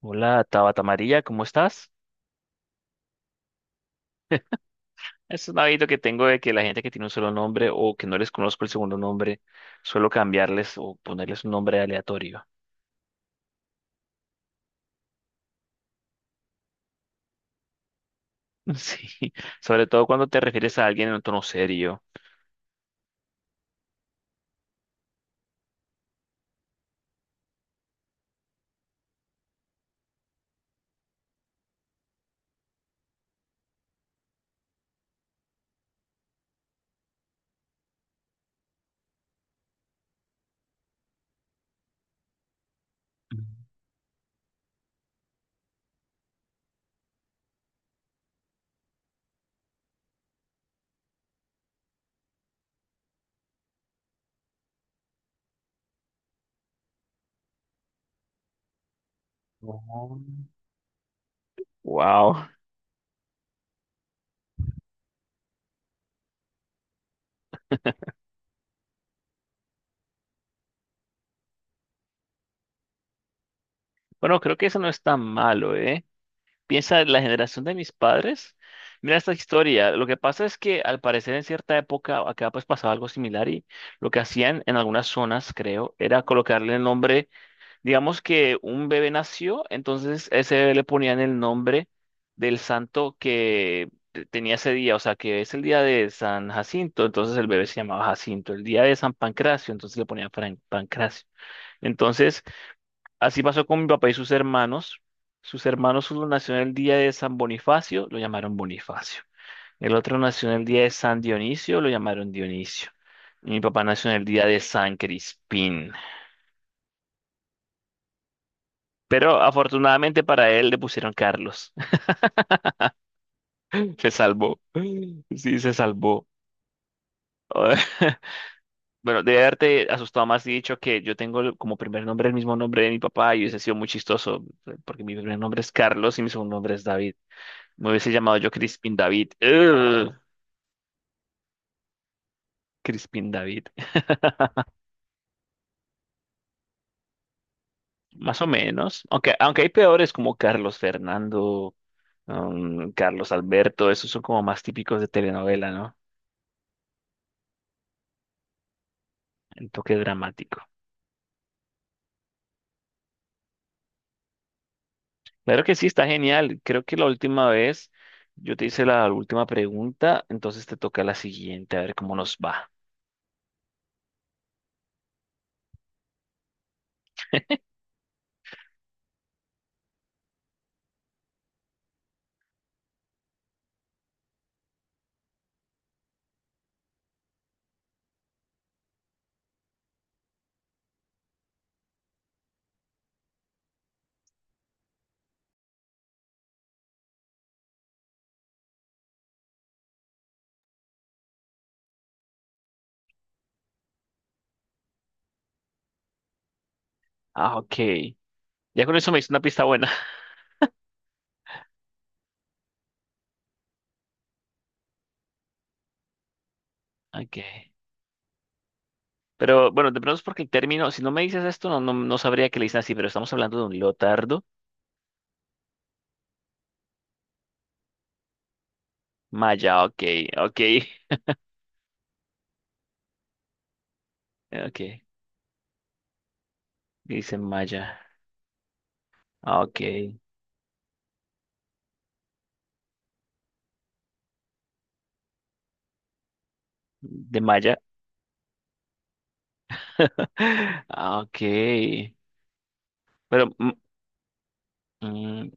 Hola, Tabata María, ¿cómo estás? Es un hábito que tengo de que la gente que tiene un solo nombre o que no les conozco el segundo nombre, suelo cambiarles o ponerles un nombre aleatorio. Sí, sobre todo cuando te refieres a alguien en un tono serio. Wow. Bueno, creo que eso no es tan malo, ¿eh? Piensa en la generación de mis padres. Mira esta historia. Lo que pasa es que al parecer en cierta época acá pues pasaba algo similar y lo que hacían en algunas zonas, creo, era colocarle el nombre. Digamos que un bebé nació, entonces ese bebé le ponían el nombre del santo que tenía ese día, o sea, que es el día de San Jacinto, entonces el bebé se llamaba Jacinto, el día de San Pancracio, entonces le ponían Pancracio. Entonces, así pasó con mi papá y sus hermanos. Sus hermanos, uno nació en el día de San Bonifacio, lo llamaron Bonifacio. El otro nació en el día de San Dionisio, lo llamaron Dionisio. Y mi papá nació en el día de San Crispín. Pero afortunadamente para él le pusieron Carlos. Se salvó. Sí, se salvó. Bueno, debe haberte asustado más y dicho que yo tengo como primer nombre el mismo nombre de mi papá y hubiese sido muy chistoso, porque mi primer nombre es Carlos y mi segundo nombre es David. Me hubiese llamado yo Crispin David. Ugh, Crispin David. Más o menos. Aunque hay peores como Carlos Fernando, Carlos Alberto, esos son como más típicos de telenovela, ¿no? El toque dramático. Claro que sí, está genial. Creo que la última vez yo te hice la última pregunta, entonces te toca la siguiente, a ver cómo nos va. Ah, ok. Ya con eso me hice una pista buena. Ok. Pero bueno, de pronto es porque el término, si no me dices esto, no sabría que le dicen así, pero estamos hablando de un leotardo. Maya, ok, ok, ok. Dice Maya, ah, ok. De Maya. Ah, ok. Pero, mm,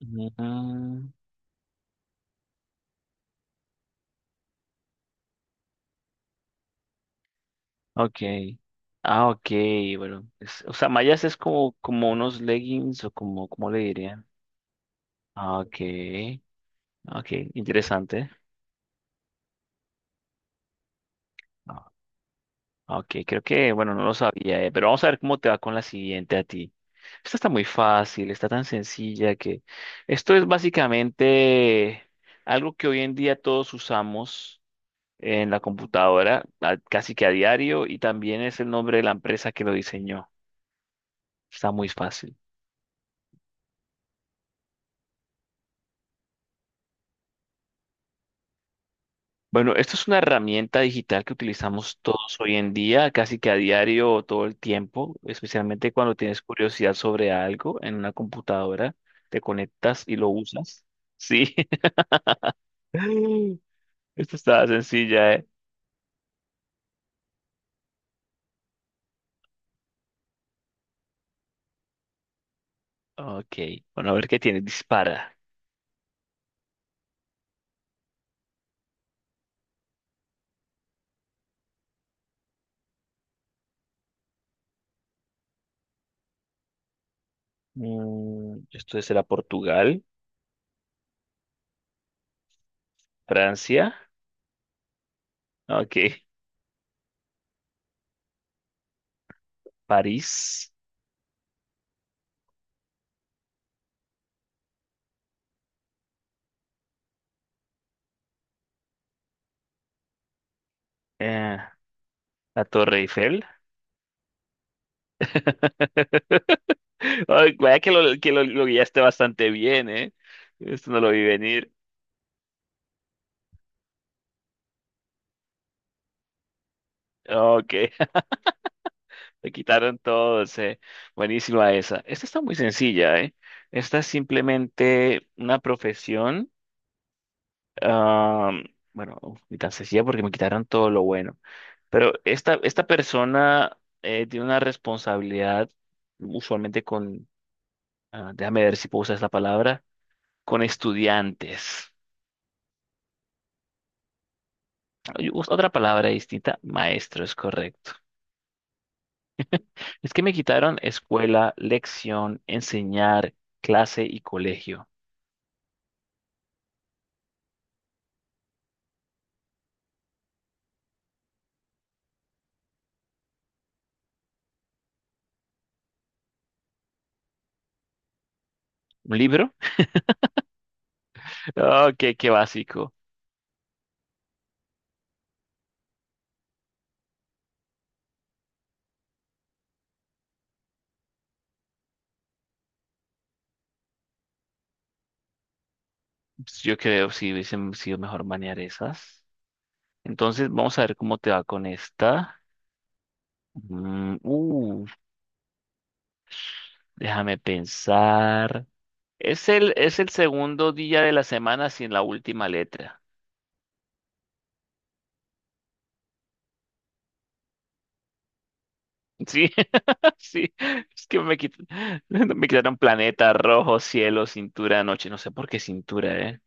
mm, mm. Okay. Ah, okay, bueno. O sea, mallas es como, como unos leggings o como, ¿cómo le dirían? Ah, okay, ah, ok, interesante. Ah, ah, ok, creo que, bueno, no lo sabía, pero vamos a ver cómo te va con la siguiente a ti. Esta está muy fácil, está tan sencilla que esto es básicamente algo que hoy en día todos usamos en la computadora, casi que a diario, y también es el nombre de la empresa que lo diseñó. Está muy fácil. Bueno, esto es una herramienta digital que utilizamos todos hoy en día, casi que a diario o todo el tiempo, especialmente cuando tienes curiosidad sobre algo en una computadora, te conectas y lo usas. Sí, esto estaba sencilla, ¿eh? Ok, bueno, a ver qué tiene, dispara. Mm, esto será Portugal, Francia, ok, París, eh, la Torre Eiffel. Ay, vaya que lo guiaste bastante bien, ¿eh? Esto no lo vi venir. Ok, le quitaron todos, ¿eh? Buenísima esa. Esta está muy sencilla, ¿eh? Esta es simplemente una profesión. Ah, bueno, ni tan sencilla porque me quitaron todo lo bueno. Pero esta persona tiene una responsabilidad usualmente con, ah, déjame ver si puedo usar esta palabra, con estudiantes. Oye, otra palabra distinta, maestro, es correcto. Es que me quitaron escuela, lección, enseñar, clase y colegio. ¿Un libro? Oh, qué qué básico. Pues yo creo si hubiesen sido mejor manejar esas. Entonces, vamos a ver cómo te va con esta. Mm, déjame pensar. Es el segundo día de la semana sin la última letra. Sí, sí, es que me quitaron planeta, rojo, cielo, cintura, noche, no sé por qué cintura, ¿eh?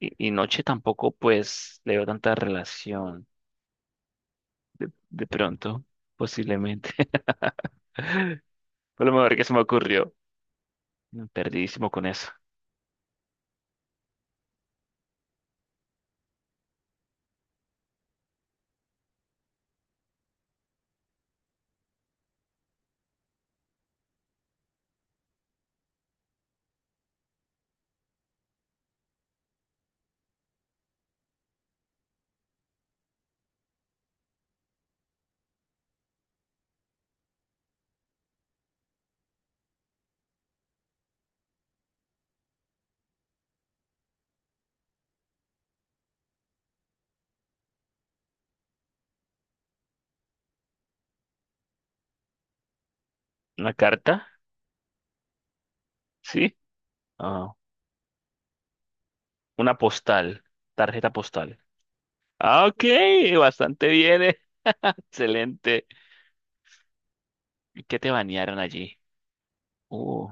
Y noche tampoco, pues, le veo tanta relación, de pronto, posiblemente. Fue lo mejor que se me ocurrió. Mm, perdidísimo con eso. ¿Una carta? ¿Sí? Ah, una postal, tarjeta postal. Ah, ok, bastante bien, ¿eh? Excelente. ¿Y qué te banearon allí? Uh,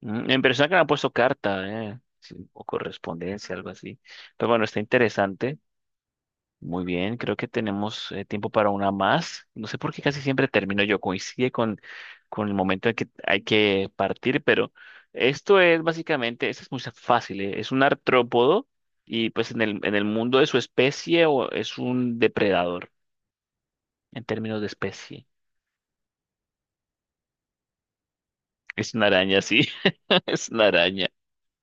Mm, en persona que me han puesto carta, sí, o correspondencia, algo así. Pero bueno, está interesante. Muy bien, creo que tenemos tiempo para una más. No sé por qué casi siempre termino yo. Coincide con el momento en que hay que partir, pero esto es básicamente, esto es muy fácil, es un artrópodo y pues en el mundo de su especie o es un depredador en términos de especie. Es una araña, sí, es una araña.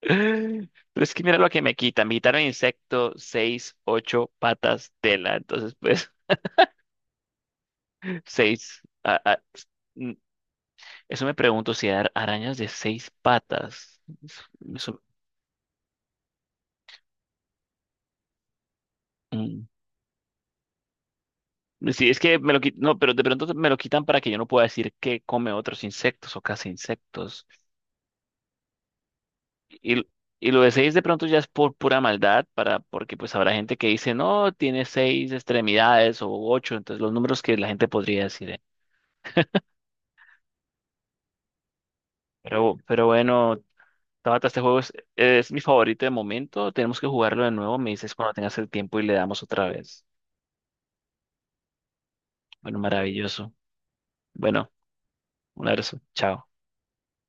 Pero es que mira lo que me quitan. Me quitaron insecto, 6, 8 patas, tela. Entonces, pues, 6. Mm, eso me pregunto si hay arañas de 6 patas. Eso, mm. Sí, es que me lo quitan. No, pero de pronto me lo quitan para que yo no pueda decir que come otros insectos o casi insectos. Y, y lo de seis de pronto ya es por pura maldad, para, porque pues habrá gente que dice, no, tiene 6 extremidades o 8. Entonces, los números que la gente podría decir. Eh. Pero bueno, Tabata, este juego es mi favorito de momento. Tenemos que jugarlo de nuevo. Me dices cuando tengas el tiempo y le damos otra vez. Bueno, maravilloso. Bueno, un abrazo. Chao.